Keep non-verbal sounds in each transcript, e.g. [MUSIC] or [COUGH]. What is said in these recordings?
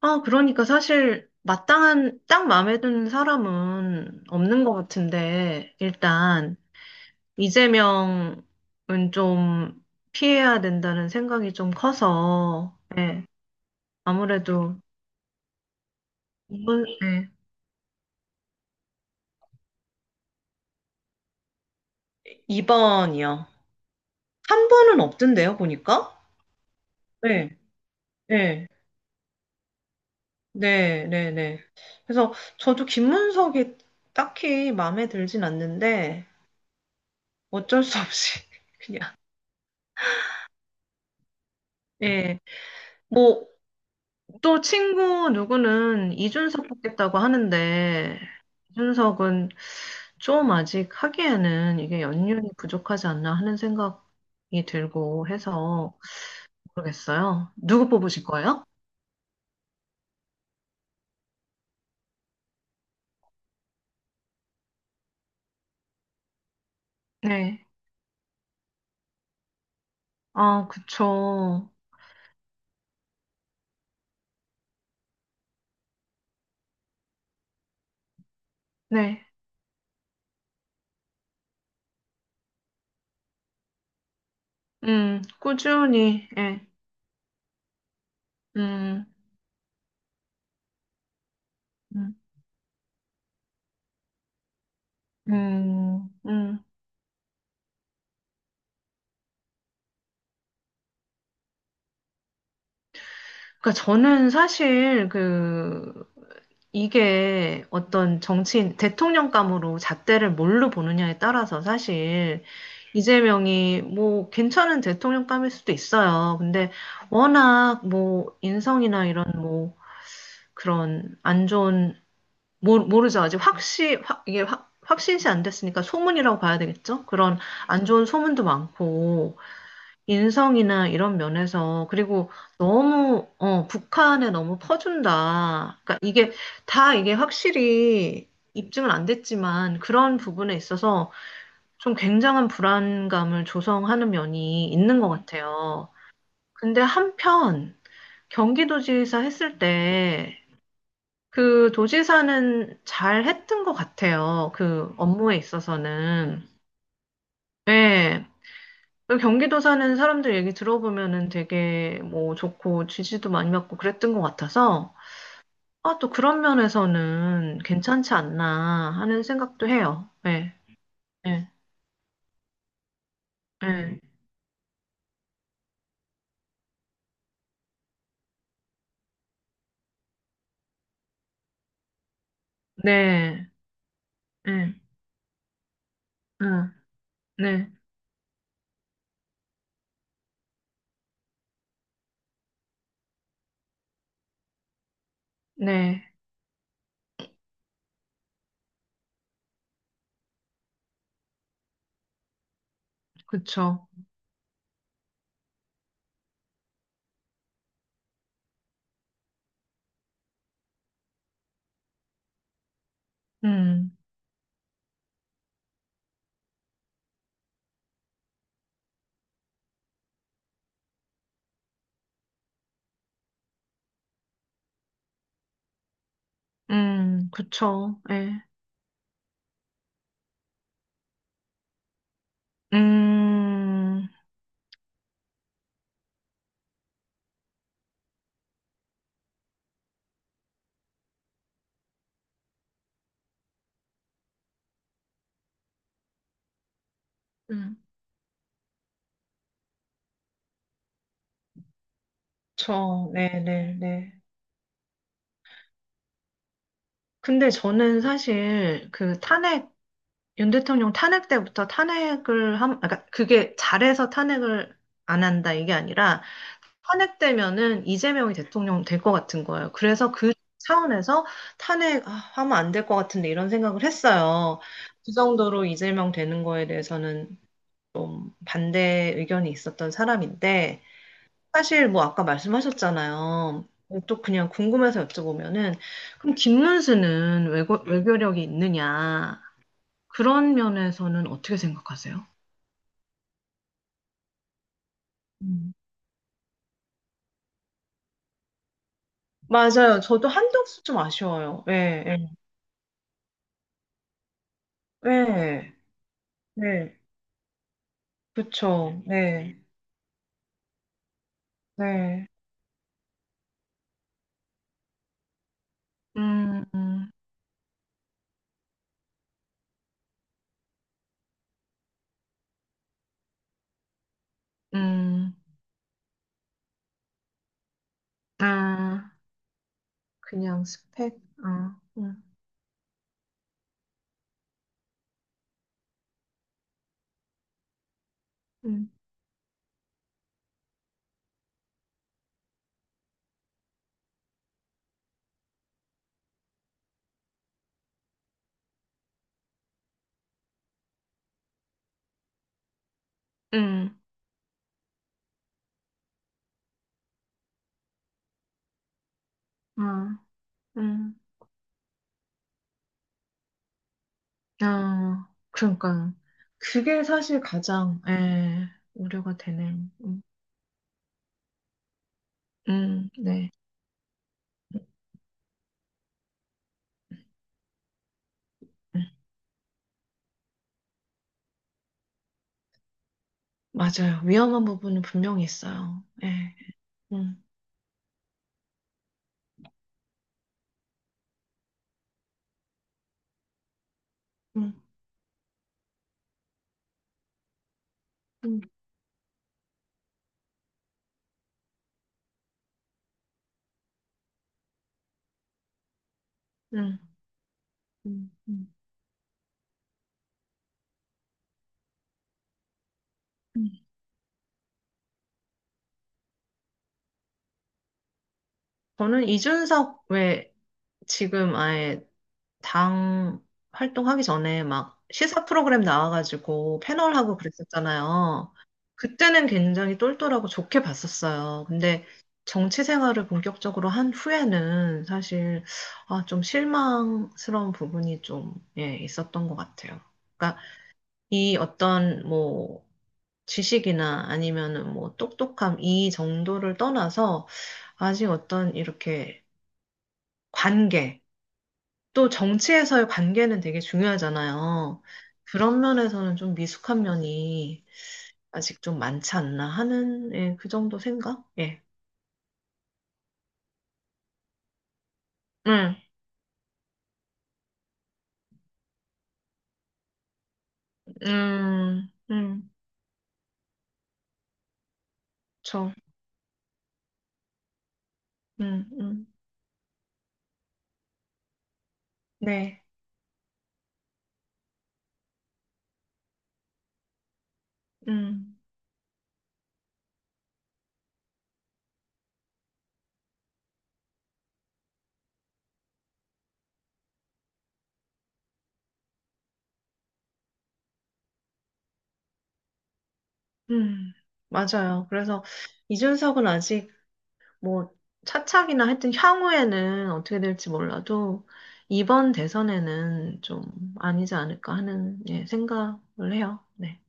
아, 그러니까 사실 마땅한 딱 마음에 드는 사람은 없는 것 같은데 일단 이재명은 좀 피해야 된다는 생각이 좀 커서 예, 아무래도 이번, 예, 2번이요. 한 번은 없던데요, 보니까? 네, 네, 네, 네, 네. 그래서 저도 김문석이 딱히 마음에 들진 않는데 어쩔 수 없이 [LAUGHS] 그냥 예, 뭐 또 친구 누구는 이준석 뽑겠다고 하는데, 이준석은 좀 아직 하기에는 이게 연륜이 부족하지 않나 하는 생각이 들고 해서 모르겠어요. 누구 뽑으실 거예요? 네. 아, 그쵸. 네. 꾸준히, 예. 음, 음, 음. 그러니까 저는 사실 그 이게 어떤 정치인, 대통령감으로 잣대를 뭘로 보느냐에 따라서 사실 이재명이 뭐 괜찮은 대통령감일 수도 있어요. 근데 워낙 뭐 인성이나 이런 뭐 그런 안 좋은, 모르죠. 아직 확시, 확, 이게 확, 확신시 안 됐으니까 소문이라고 봐야 되겠죠? 그런 안 좋은 소문도 많고, 인성이나 이런 면에서 그리고 너무 북한에 너무 퍼준다. 그러니까 이게 다 이게 확실히 입증은 안 됐지만 그런 부분에 있어서 좀 굉장한 불안감을 조성하는 면이 있는 것 같아요. 근데 한편 경기도지사 했을 때 그 도지사는 잘 했던 것 같아요. 그 업무에 있어서는. 네. 그 경기도 사는 사람들 얘기 들어보면은 되게 뭐 좋고 지지도 많이 받고 그랬던 것 같아서 아, 또 그런 면에서는 괜찮지 않나 하는 생각도 해요. 네, 네, 네, 네, 네, 음, 네, 네, 그쵸. 음, 그쵸. 네, 음, 음, 그쵸. 네, 네, 네. 근데 저는 사실 그 탄핵 윤 대통령 탄핵 때부터 그러니까 그게 잘해서 탄핵을 안 한다 이게 아니라 탄핵되면은 이재명이 대통령 될 것 같은 거예요. 그래서 그 차원에서 탄핵하면 안 될 것 같은데 이런 생각을 했어요. 그 정도로 이재명 되는 거에 대해서는 반대 의견이 있었던 사람인데 사실 뭐 아까 말씀하셨잖아요. 또 그냥 궁금해서 여쭤보면은 그럼 김문수는 외고 외교력이 있느냐? 그런 면에서는 어떻게 생각하세요? 음. 맞아요. 저도 한덕수 좀 아쉬워요. 예, 예, 예, 네. 그쵸. 네, 네. 음, 음, 음. 아, 그냥 스펙, 아, 음, 음, 아, 음, 아. 그러니까. 그게 사실 가장, 예, 우려가 되네요. 음, 네. 음. 맞아요. 위험한 부분은 분명히 있어요. 예, 음, 음, 음, 음, 음, 음. 음. 저는 이준석 왜 지금 아예 당 활동하기 전에 막 시사 프로그램 나와가지고 패널하고 그랬었잖아요. 그때는 굉장히 똘똘하고 좋게 봤었어요. 근데 정치 생활을 본격적으로 한 후에는 사실 아, 좀 실망스러운 부분이 좀 예, 있었던 것 같아요. 그러니까 이 어떤 뭐 지식이나 아니면은 뭐 똑똑함 이 정도를 떠나서 아직 어떤 이렇게 관계, 또 정치에서의 관계는 되게 중요하잖아요. 그런 면에서는 좀 미숙한 면이 아직 좀 많지 않나 하는, 예, 그 정도 생각? 예. 음, 음, 음, 저, 음, 음, 네, 음, 음, 맞아요. 그래서 이준석은 아직 뭐 차착이나 하여튼 향후에는 어떻게 될지 몰라도 이번 대선에는 좀 아니지 않을까 하는, 예, 생각을 해요. 네.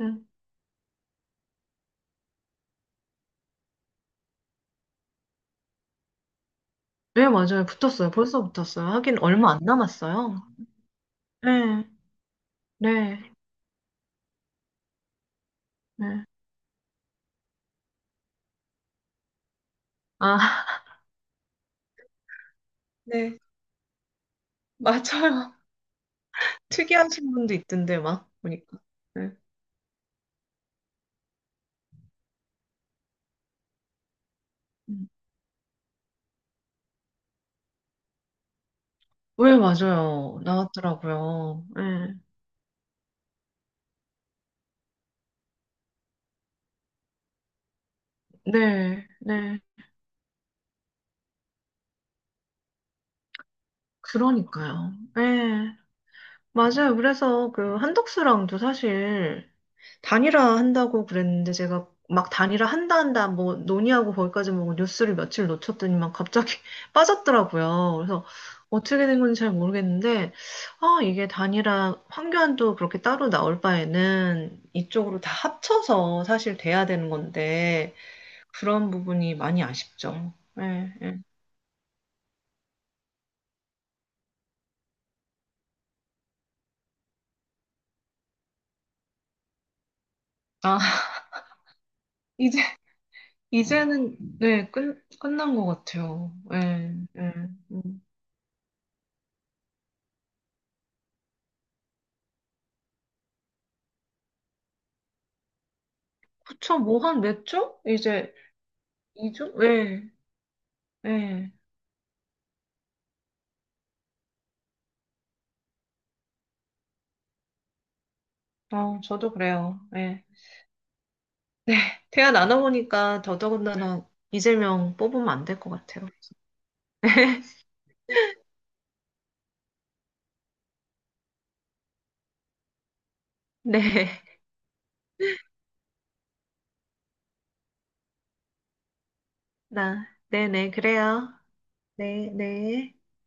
음. 네, 맞아요. 붙었어요. 벌써 붙었어요. 하긴 얼마 안 남았어요. 네, 네, 네. 아, [LAUGHS] 네, 맞아요. 특이하신 분도 있던데, 막, 보니까. 네. 음. 왜, 맞아요. 나왔더라고요. 네, 네, 네. 그러니까요. 네, 맞아요. 그래서 그 한덕수랑도 사실 단일화 한다고 그랬는데 제가 막 단일화 한다 뭐 논의하고 거기까지 뭐 뉴스를 며칠 놓쳤더니만 갑자기 [LAUGHS] 빠졌더라고요. 그래서 어떻게 된 건지 잘 모르겠는데 아 이게 단일화 황교안도 그렇게 따로 나올 바에는 이쪽으로 다 합쳐서 사실 돼야 되는 건데 그런 부분이 많이 아쉽죠. 예, 예. 아 [LAUGHS] 이제 이제는 네 끝난 것 같아요. 예, 예. 음. 그쵸 뭐 한 몇 주? 이제 2주? 예. 네. 아, 저도 그래요. 네. 네. 대화 나눠보니까 더더군다나 이재명 뽑으면 안 될 것 같아요. 네. [LAUGHS] 나, 네네, 그래요. 네, 네.